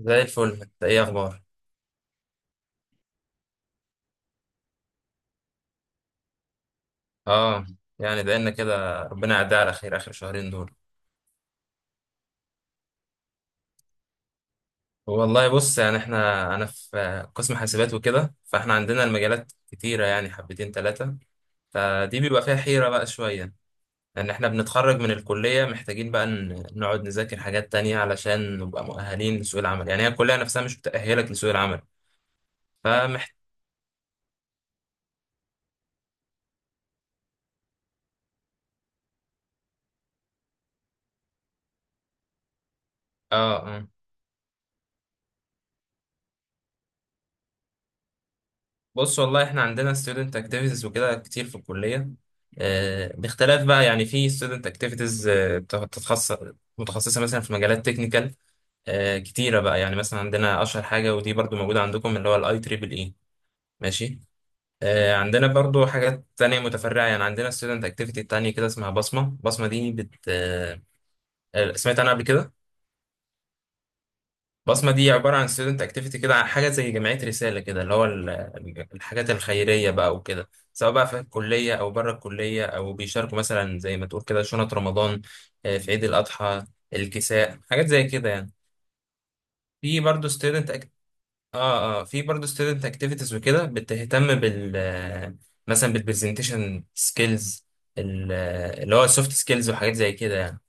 زي الفل، انت ايه اخبار؟ اه. يعني بقالنا كده، ربنا يعدي على خير اخر شهرين دول. والله بص، يعني انا في قسم حاسبات وكده، فاحنا عندنا المجالات كتيره، يعني حبتين ثلاثه. فدي بيبقى فيها حيره بقى شويه، لان احنا بنتخرج من الكليه محتاجين بقى نقعد نذاكر حاجات تانية علشان نبقى مؤهلين لسوق العمل. يعني هي الكليه نفسها مش بتأهلك لسوق العمل. فمحت اه اه. بص، والله احنا عندنا student activities وكده كتير في الكلية. باختلاف بقى، يعني في student activities، بتتخصص، متخصصة مثلا في مجالات technical. كتيرة بقى، يعني مثلا عندنا أشهر حاجة، ودي برضو موجودة عندكم، اللي هو ال IEEE. ماشي. عندنا برضو حاجات تانية متفرعة، يعني عندنا student activity تانية كده اسمها بصمة. بصمة دي بت آه، سمعت عنها قبل كده؟ بصمة دي عبارة عن ستودنت اكتيفيتي كده، عن حاجة زي جمعية رسالة كده، اللي هو الحاجات الخيرية بقى وكده، سواء بقى في الكلية أو بره الكلية، أو بيشاركوا مثلا زي ما تقول كده شنط رمضان، في عيد الأضحى، الكساء، حاجات زي كده يعني. في برضه ستودنت أك... اه اه، في برضه ستودنت اكتيفيتيز وكده، بتهتم بال آه، مثلا بالبرزنتيشن سكيلز، اللي هو السوفت سكيلز وحاجات زي كده يعني.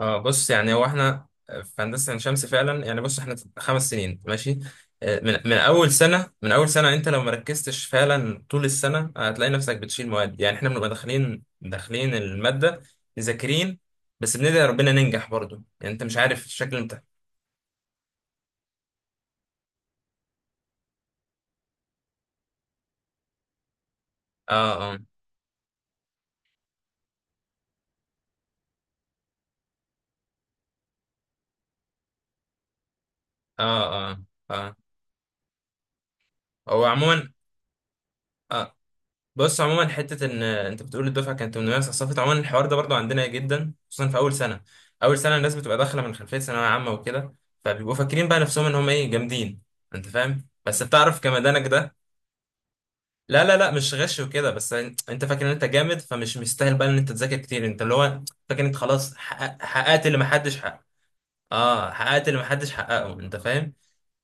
اه، بص يعني هو احنا في هندسه عين شمس فعلا. يعني بص، احنا خمس سنين ماشي. من اول سنه، انت لو مركزتش فعلا طول السنه هتلاقي نفسك بتشيل مواد. يعني احنا بنبقى داخلين، داخلين الماده مذاكرين، بس بندعي ربنا ننجح. برضو يعني انت مش عارف شكل امتحان. اه اه اه اه اه. هو عموما، اه، بص عموما حته ان انت بتقول الدفعه كانت 800 صفت، عموما الحوار ده برضو عندنا جدا، خصوصا في اول سنه. اول سنه الناس بتبقى داخله من خلفيه ثانويه عامه وكده، فبيبقوا فاكرين بقى نفسهم ان هم ايه جامدين. انت فاهم؟ بس بتعرف كمدانك ده. لا لا لا، مش غش وكده، بس انت فاكر ان انت جامد، فمش مستاهل بقى ان انت تذاكر كتير. انت اللي هو فاكر انت خلاص حققت اللي محدش حقق. اه، حققت اللي محدش حققه. انت فاهم؟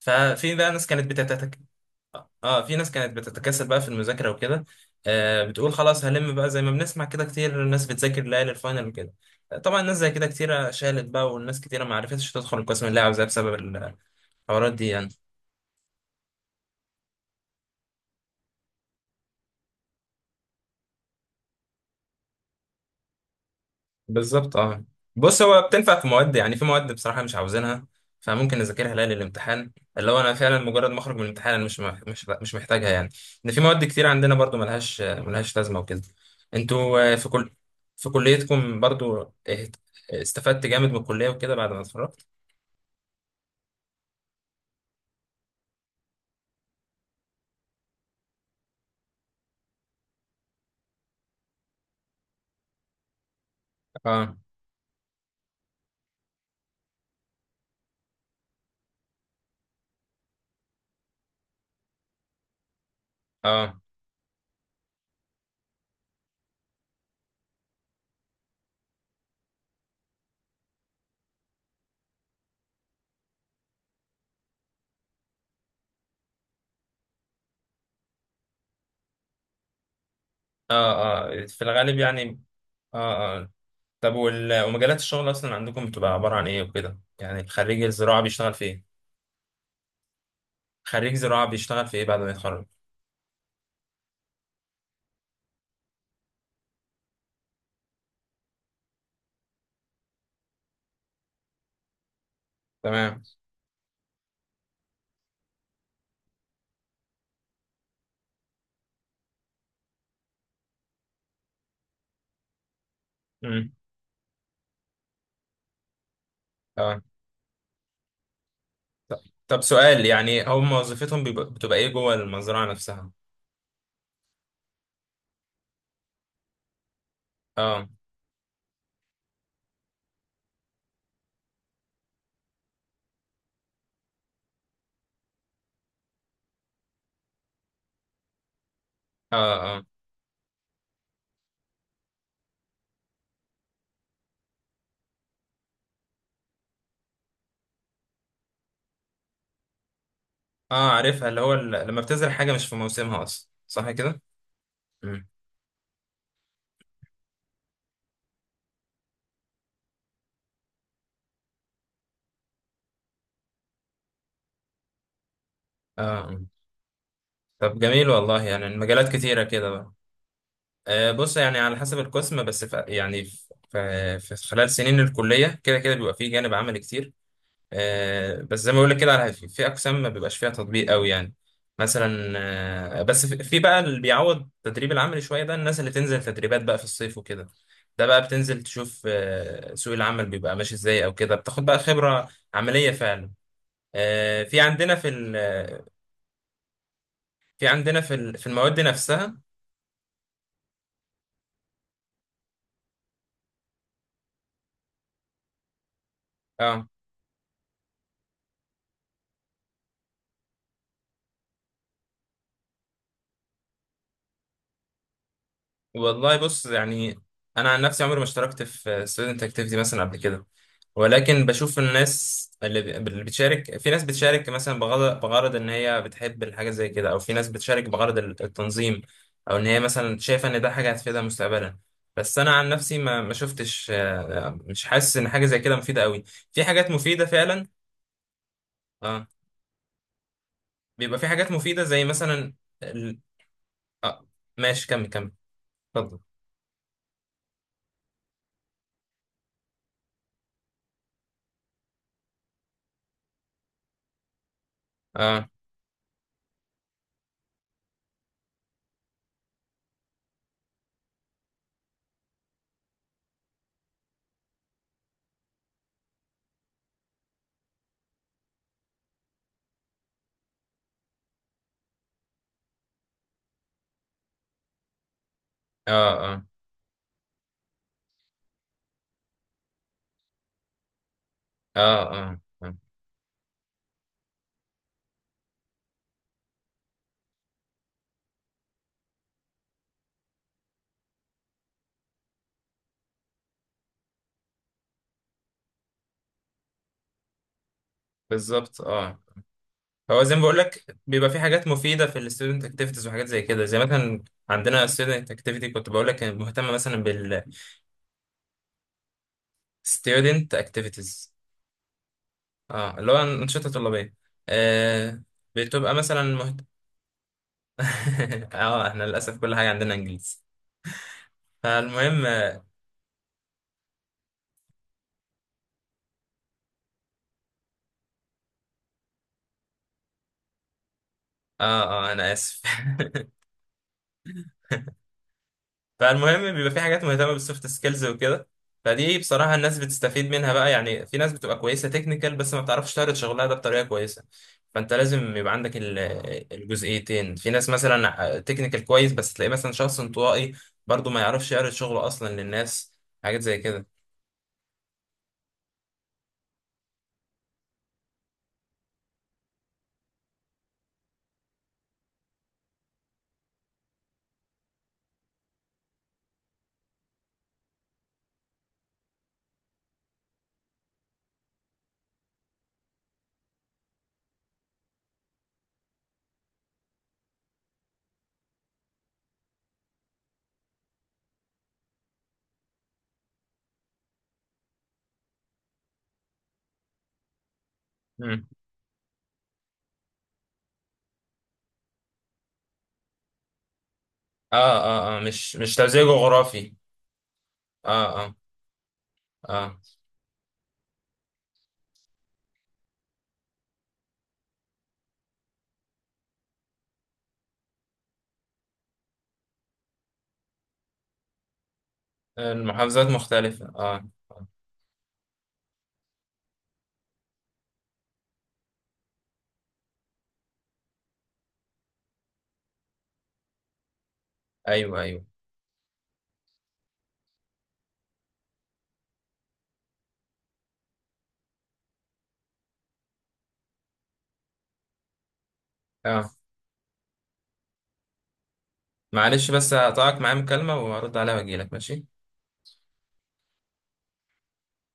ففي بقى ناس كانت. اه، في ناس كانت بتتكاسل بقى في المذاكره وكده. بتقول خلاص هلم بقى، زي ما بنسمع كده كتير الناس بتذاكر ليالي الفاينل وكده. طبعا الناس زي كده كتيره شالت بقى، والناس كتيره ما عرفتش تدخل القسم اللي هي عاوزاه بسبب الحوارات دي يعني. بالظبط اه. بص، هو بتنفع في مواد، يعني في مواد بصراحة مش عاوزينها، فممكن اذاكرها ليالي الامتحان. اللي هو انا فعلا مجرد ما اخرج من الامتحان، انا مش مح- مش مش محتاجها يعني. ان في مواد كتير عندنا برضو ملهاش لازمة وكده. انتوا في كليتكم برضو اهت- استفدت جامد من الكلية وكده بعد ما اتخرجت؟ اه اه اه اه، في الغالب يعني. اه اه. طب، ومجالات الشغل اصلا عندكم بتبقى عبارة عن ايه وكده؟ يعني خريج الزراعة بيشتغل في ايه؟ خريج زراعة بيشتغل في ايه بعد ما يتخرج؟ تمام. امم. اه. طب طب سؤال، يعني هم وظيفتهم بتبقى ايه جوه المزرعة نفسها؟ اه اه اه اه. عارفها، اللي هو لما بتزرع حاجة مش في موسمها اصلا، صح كده؟ امم. اه. آه. طب جميل، والله يعني المجالات كتيرة كده بقى. آه، بص يعني على حسب القسم. بس في يعني في, في في خلال سنين الكلية كده كده بيبقى فيه جانب عملي كتير. بس زي ما بقول لك كده، في اقسام ما بيبقاش فيها تطبيق قوي يعني. مثلا بس في بقى اللي بيعوض التدريب العملي شويه، ده الناس اللي تنزل تدريبات بقى في الصيف وكده. ده بقى بتنزل تشوف سوق العمل بيبقى ماشي ازاي، او كده بتاخد بقى خبره عمليه فعلا. آه، في عندنا في ال- آه، في عندنا في المواد نفسها. اه، والله بص يعني انا عن نفسي عمري ما اشتركت في ستودنت اكتيفيتي مثلا قبل كده، ولكن بشوف الناس اللي بتشارك. في ناس بتشارك مثلا بغرض ان هي بتحب الحاجه زي كده، او في ناس بتشارك بغرض التنظيم، او ان هي مثلا شايفه ان ده حاجه هتفيدها مستقبلا. بس انا عن نفسي ما شفتش، مش حاسس ان حاجه زي كده مفيده قوي. في حاجات مفيده فعلا. اه، بيبقى في حاجات مفيده زي مثلا ال... آه ماشي، كمل كمل، اتفضل. اه اه اه اه اه. بالظبط اه. هو زي ما بقول لك، بيبقى في حاجات مفيده في الستودنت اكتيفيتيز وحاجات زي كده، زي مثلا عندنا student اكتيفيتي كنت بقول لك مهتمه مثلا بالستودنت اكتيفيتيز، اه، اللي هو انشطه طلابيه. آه بتبقى مثلا اه، احنا للاسف كل حاجه عندنا انجليزي. فالمهم اه اه، انا اسف فالمهم بيبقى في حاجات مهتمه بالسوفت سكيلز وكده، فدي بصراحه الناس بتستفيد منها بقى. يعني في ناس بتبقى كويسه تكنيكال، بس ما بتعرفش تعرض شغلها ده بطريقه كويسه. فانت لازم يبقى عندك الجزئيتين. في ناس مثلا تكنيكال كويس، بس تلاقيه مثلا شخص انطوائي، برضه ما يعرفش يعرض شغله اصلا للناس. حاجات زي كده. مم. اه اه اه، مش توزيع جغرافي. اه اه اه، المحافظات مختلفه اه. آه. ايوه ايوه. اه. معلش، بس هقطعك، معايا مكالمه وهرد عليها واجيلك، ماشي؟